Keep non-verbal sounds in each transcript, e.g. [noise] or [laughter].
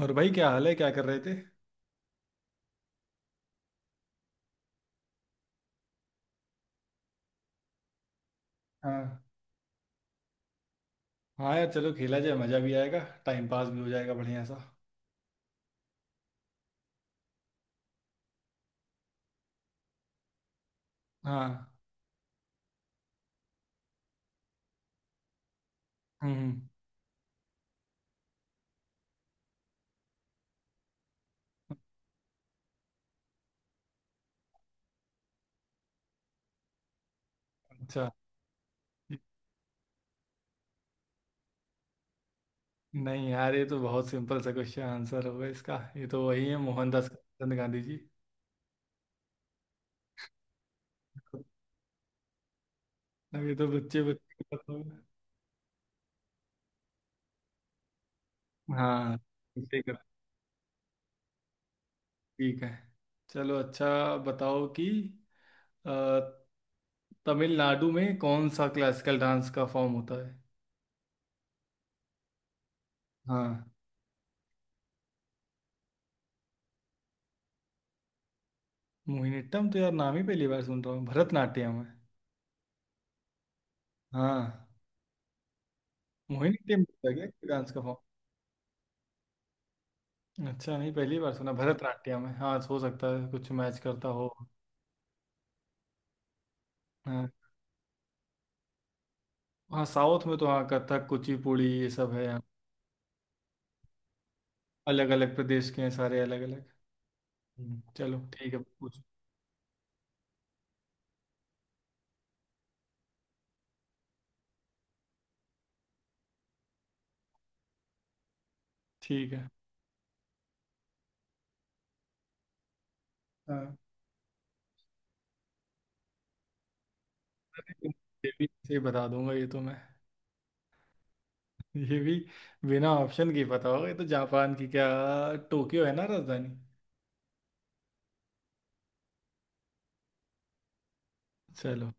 और भाई, क्या हाल है? क्या कर रहे थे? हाँ। हाँ यार, चलो खेला जाए। मज़ा भी आएगा। टाइम पास भी हो जाएगा बढ़िया सा। हाँ। हम्म। अच्छा। नहीं यार, ये तो बहुत सिंपल सा क्वेश्चन आंसर होगा इसका। ये तो वही है, मोहनदास करमचंद गांधी जी। अब ये तो बच्चे बच्चे के पता होगा। हाँ। ठीक है। ठीक है। चलो, अच्छा बताओ कि अ, तमिलनाडु में कौन सा क्लासिकल डांस का फॉर्म होता है? हाँ। मोहिनीअट्टम तो यार नाम ही पहली बार सुन रहा हूँ। भरतनाट्यम है। हाँ। मोहिनीअट्टम होता है क्या डांस का फॉर्म? अच्छा, नहीं पहली बार सुना। भरतनाट्यम है। हाँ, हो सकता है कुछ मैच करता हो। हाँ। हाँ, साउथ में तो, हाँ, कथक कुचिपुड़ी ये सब है यहाँ। अलग अलग प्रदेश के हैं सारे, अलग अलग। चलो ठीक है, पूछ। ठीक है। हाँ, अरे, ये भी से बता दूंगा ये तो मैं। [laughs] ये भी बिना ऑप्शन के पता होगा ये तो। जापान की क्या, टोक्यो है ना राजधानी? चलो।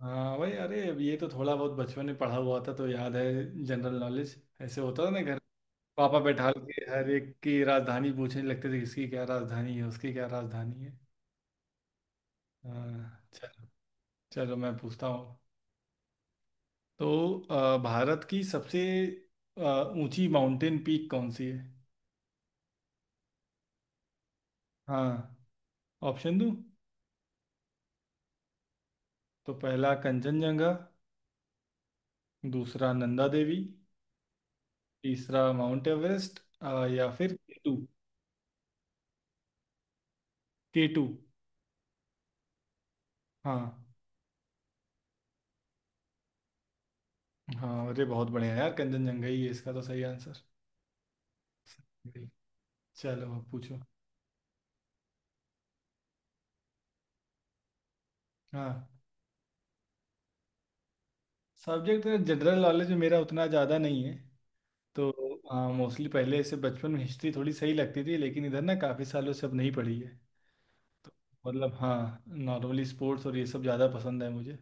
हाँ भाई, अरे अब ये तो थोड़ा बहुत बचपन में पढ़ा हुआ था तो याद है। जनरल नॉलेज ऐसे होता था ना घर। पापा बैठा के हर एक की राजधानी पूछने लगते थे, किसकी क्या राजधानी है, उसकी क्या राजधानी है। अ, चलो। चलो, मैं पूछता हूँ। तो भारत की सबसे अ, ऊंची माउंटेन पीक कौन सी है? हाँ, ऑप्शन दूँ? तो पहला कंचनजंगा, दूसरा नंदा देवी, तीसरा माउंट एवरेस्ट, या फिर केटू। केटू। हाँ। हाँ, अरे बहुत बढ़िया यार, कंचनजंगा ही है इसका तो सही आंसर। चलो, अब पूछो। हाँ, सब्जेक्ट तो जनरल नॉलेज में मेरा उतना ज़्यादा नहीं है, तो हाँ, मोस्टली पहले ऐसे बचपन में हिस्ट्री थोड़ी सही लगती थी, लेकिन इधर ना काफ़ी सालों से अब नहीं पढ़ी है। तो मतलब हाँ, नॉर्मली स्पोर्ट्स और ये सब ज़्यादा पसंद है मुझे।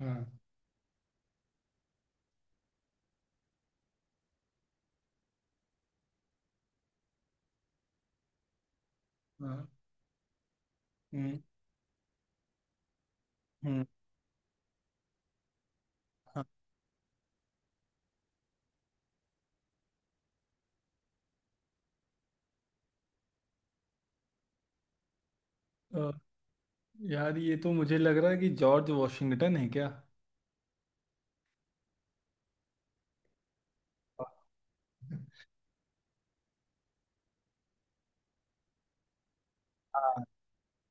हाँ। हाँ। हम्म। हम्म। हाँ। अ, यार ये तो मुझे लग रहा है कि जॉर्ज वॉशिंगटन है क्या? हाँ,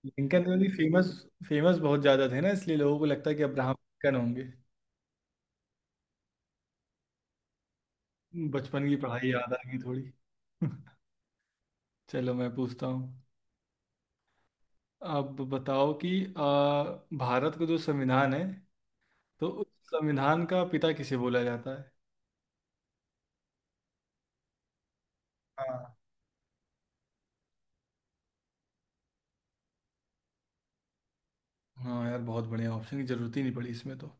लिंकन वाली फेमस, फेमस बहुत ज़्यादा थे ना, इसलिए लोगों को लगता है कि अब्राहम लिंकन होंगे। बचपन की पढ़ाई याद आ गई थोड़ी। [laughs] चलो, मैं पूछता हूँ। अब बताओ कि आ, भारत का जो संविधान है, तो उस संविधान का पिता किसे बोला जाता है? हाँ। हाँ यार, बहुत बढ़िया, ऑप्शन की जरूरत ही नहीं पड़ी इसमें तो।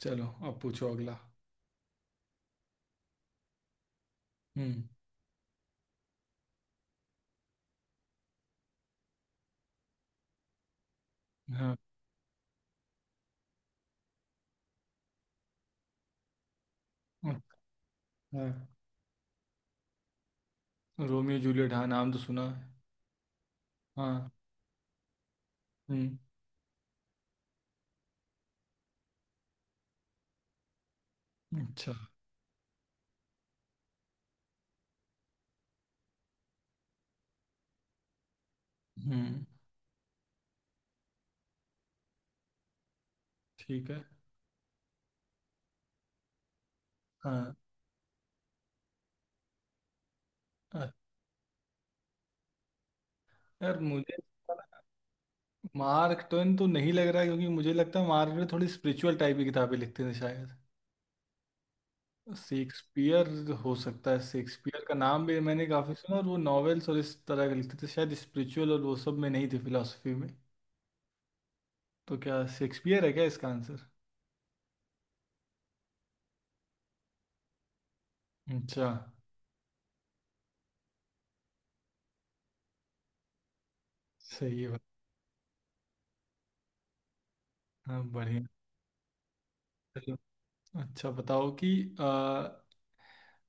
चलो, अब पूछो अगला। हम्म। हाँ। हाँ। रोमियो जूलियट, हाँ नाम तो सुना है। हाँ। हम्म। अच्छा। हम्म। ठीक है। हाँ। अ- यार मुझे मार्क ट्वेन तो नहीं लग रहा है, क्योंकि मुझे लगता है मार्क ट्वेन थोड़ी स्पिरिचुअल टाइप की किताबें लिखते थे शायद। शेक्सपियर, हो सकता है शेक्सपियर का नाम भी मैंने काफ़ी सुना, और वो नॉवेल्स और इस तरह के लिखते थे शायद, स्पिरिचुअल और वो सब में नहीं थे, फिलोसफी में। तो क्या शेक्सपियर है क्या इसका आंसर? अच्छा। सही है। हाँ, बढ़िया। चलो, अच्छा बताओ कि अ,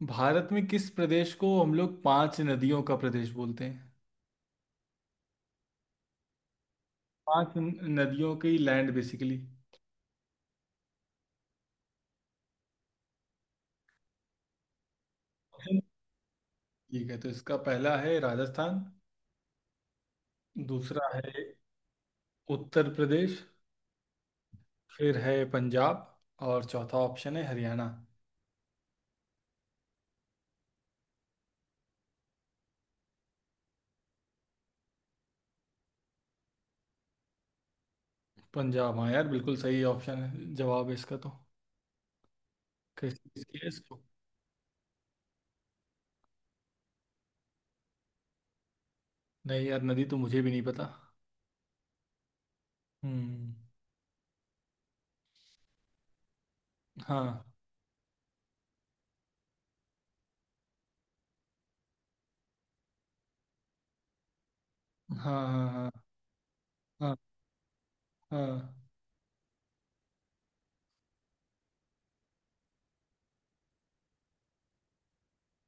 भारत में किस प्रदेश को हम लोग पांच नदियों का प्रदेश बोलते हैं? पांच नदियों की लैंड, बेसिकली। ठीक है, तो इसका पहला है राजस्थान, दूसरा है उत्तर प्रदेश, फिर है पंजाब, और चौथा ऑप्शन है हरियाणा। पंजाब, हाँ यार, बिल्कुल सही ऑप्शन है, जवाब है इसका तो। किस चीज़ की है इसको? नहीं यार, नदी तो मुझे भी नहीं पता। हम्म। हाँ। हाँ। हाँ। हाँ। हाँ। हाँ।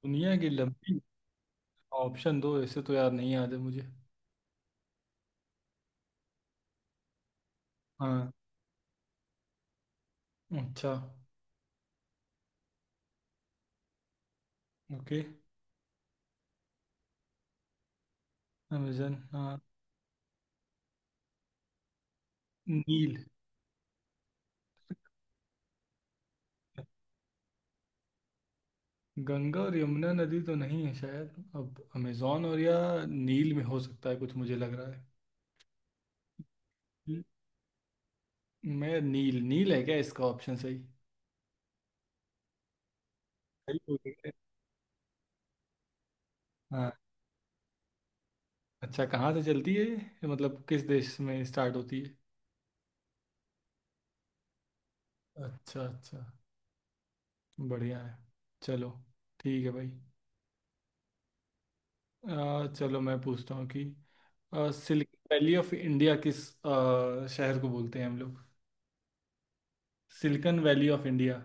दुनिया की लंबी? ऑप्शन दो, ऐसे तो यार नहीं याद है मुझे। हाँ। अच्छा। ओके। अमेजन, हाँ। नील। गंगा और यमुना नदी तो नहीं है शायद, अब अमेजोन और या नील में हो सकता है कुछ मुझे लग रहा है। मैं नील, नील है क्या इसका ऑप्शन सही? सही हो गया। हाँ। अच्छा, कहाँ से चलती है ये, मतलब किस देश में स्टार्ट होती है? अच्छा, अच्छा। बढ़िया है। चलो। ठीक है भाई। चलो, मैं पूछता हूँ कि सिलिकन वैली ऑफ इंडिया किस शहर को बोलते हैं हम लोग? सिलिकन वैली ऑफ इंडिया: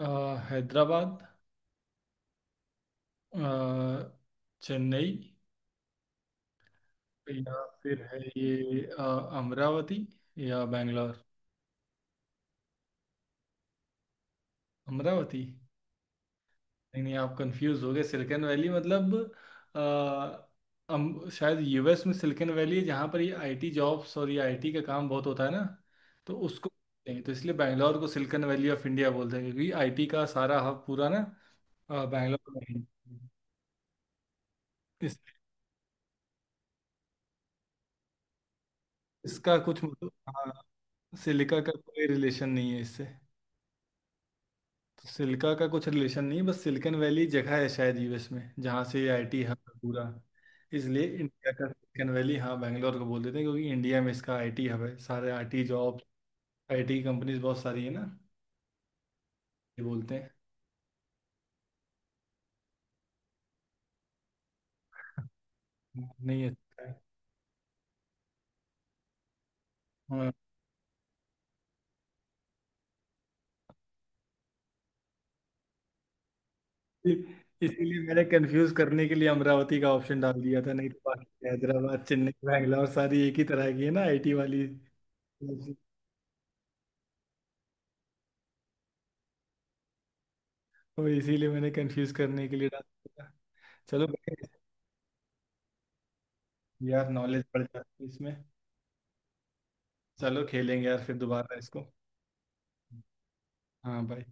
अ, हैदराबाद, अ, चेन्नई, या फिर है ये अमरावती, या बैंगलोर। अमरावती? नहीं नहीं, आप कंफ्यूज हो गए। सिलिकॉन वैली मतलब आ, शायद यूएस में सिलिकॉन वैली है, जहाँ पर ये आईटी जॉब्स और ये आईटी का काम बहुत होता है ना, तो उसको बोलते हैं। तो इसलिए बैंगलोर को सिलिकॉन वैली ऑफ इंडिया बोलते हैं, क्योंकि आईटी का सारा हब पूरा ना बैंगलोर में है। इस, इसका कुछ मतलब, हाँ, सिलिका का कोई रिलेशन नहीं है इससे। तो सिल्का का कुछ रिलेशन नहीं, बस सिलिकन वैली जगह है शायद यूएस में, जहाँ से ये आईटी हब है पूरा। इसलिए इंडिया का सिलिकन वैली, हाँ, बैंगलोर को बोल देते हैं, क्योंकि इंडिया में इसका आईटी हब है, सारे आईटी जॉब, आईटी कंपनीज बहुत सारी है ना, ये बोलते हैं। नहीं, अच्छा है। हाँ, इसीलिए मैंने कंफ्यूज करने के लिए अमरावती का ऑप्शन डाल दिया था, नहीं तो बाकी हैदराबाद, चेन्नई, बैंगलोर सारी एक ही तरह की है ना, आईटी वाली। तो इसीलिए मैंने कंफ्यूज करने के लिए डाल दिया था। चलो, बढ़िया है। यार नॉलेज बढ़ जाती है इसमें। चलो, खेलेंगे यार फिर दोबारा इसको। हाँ, बाय।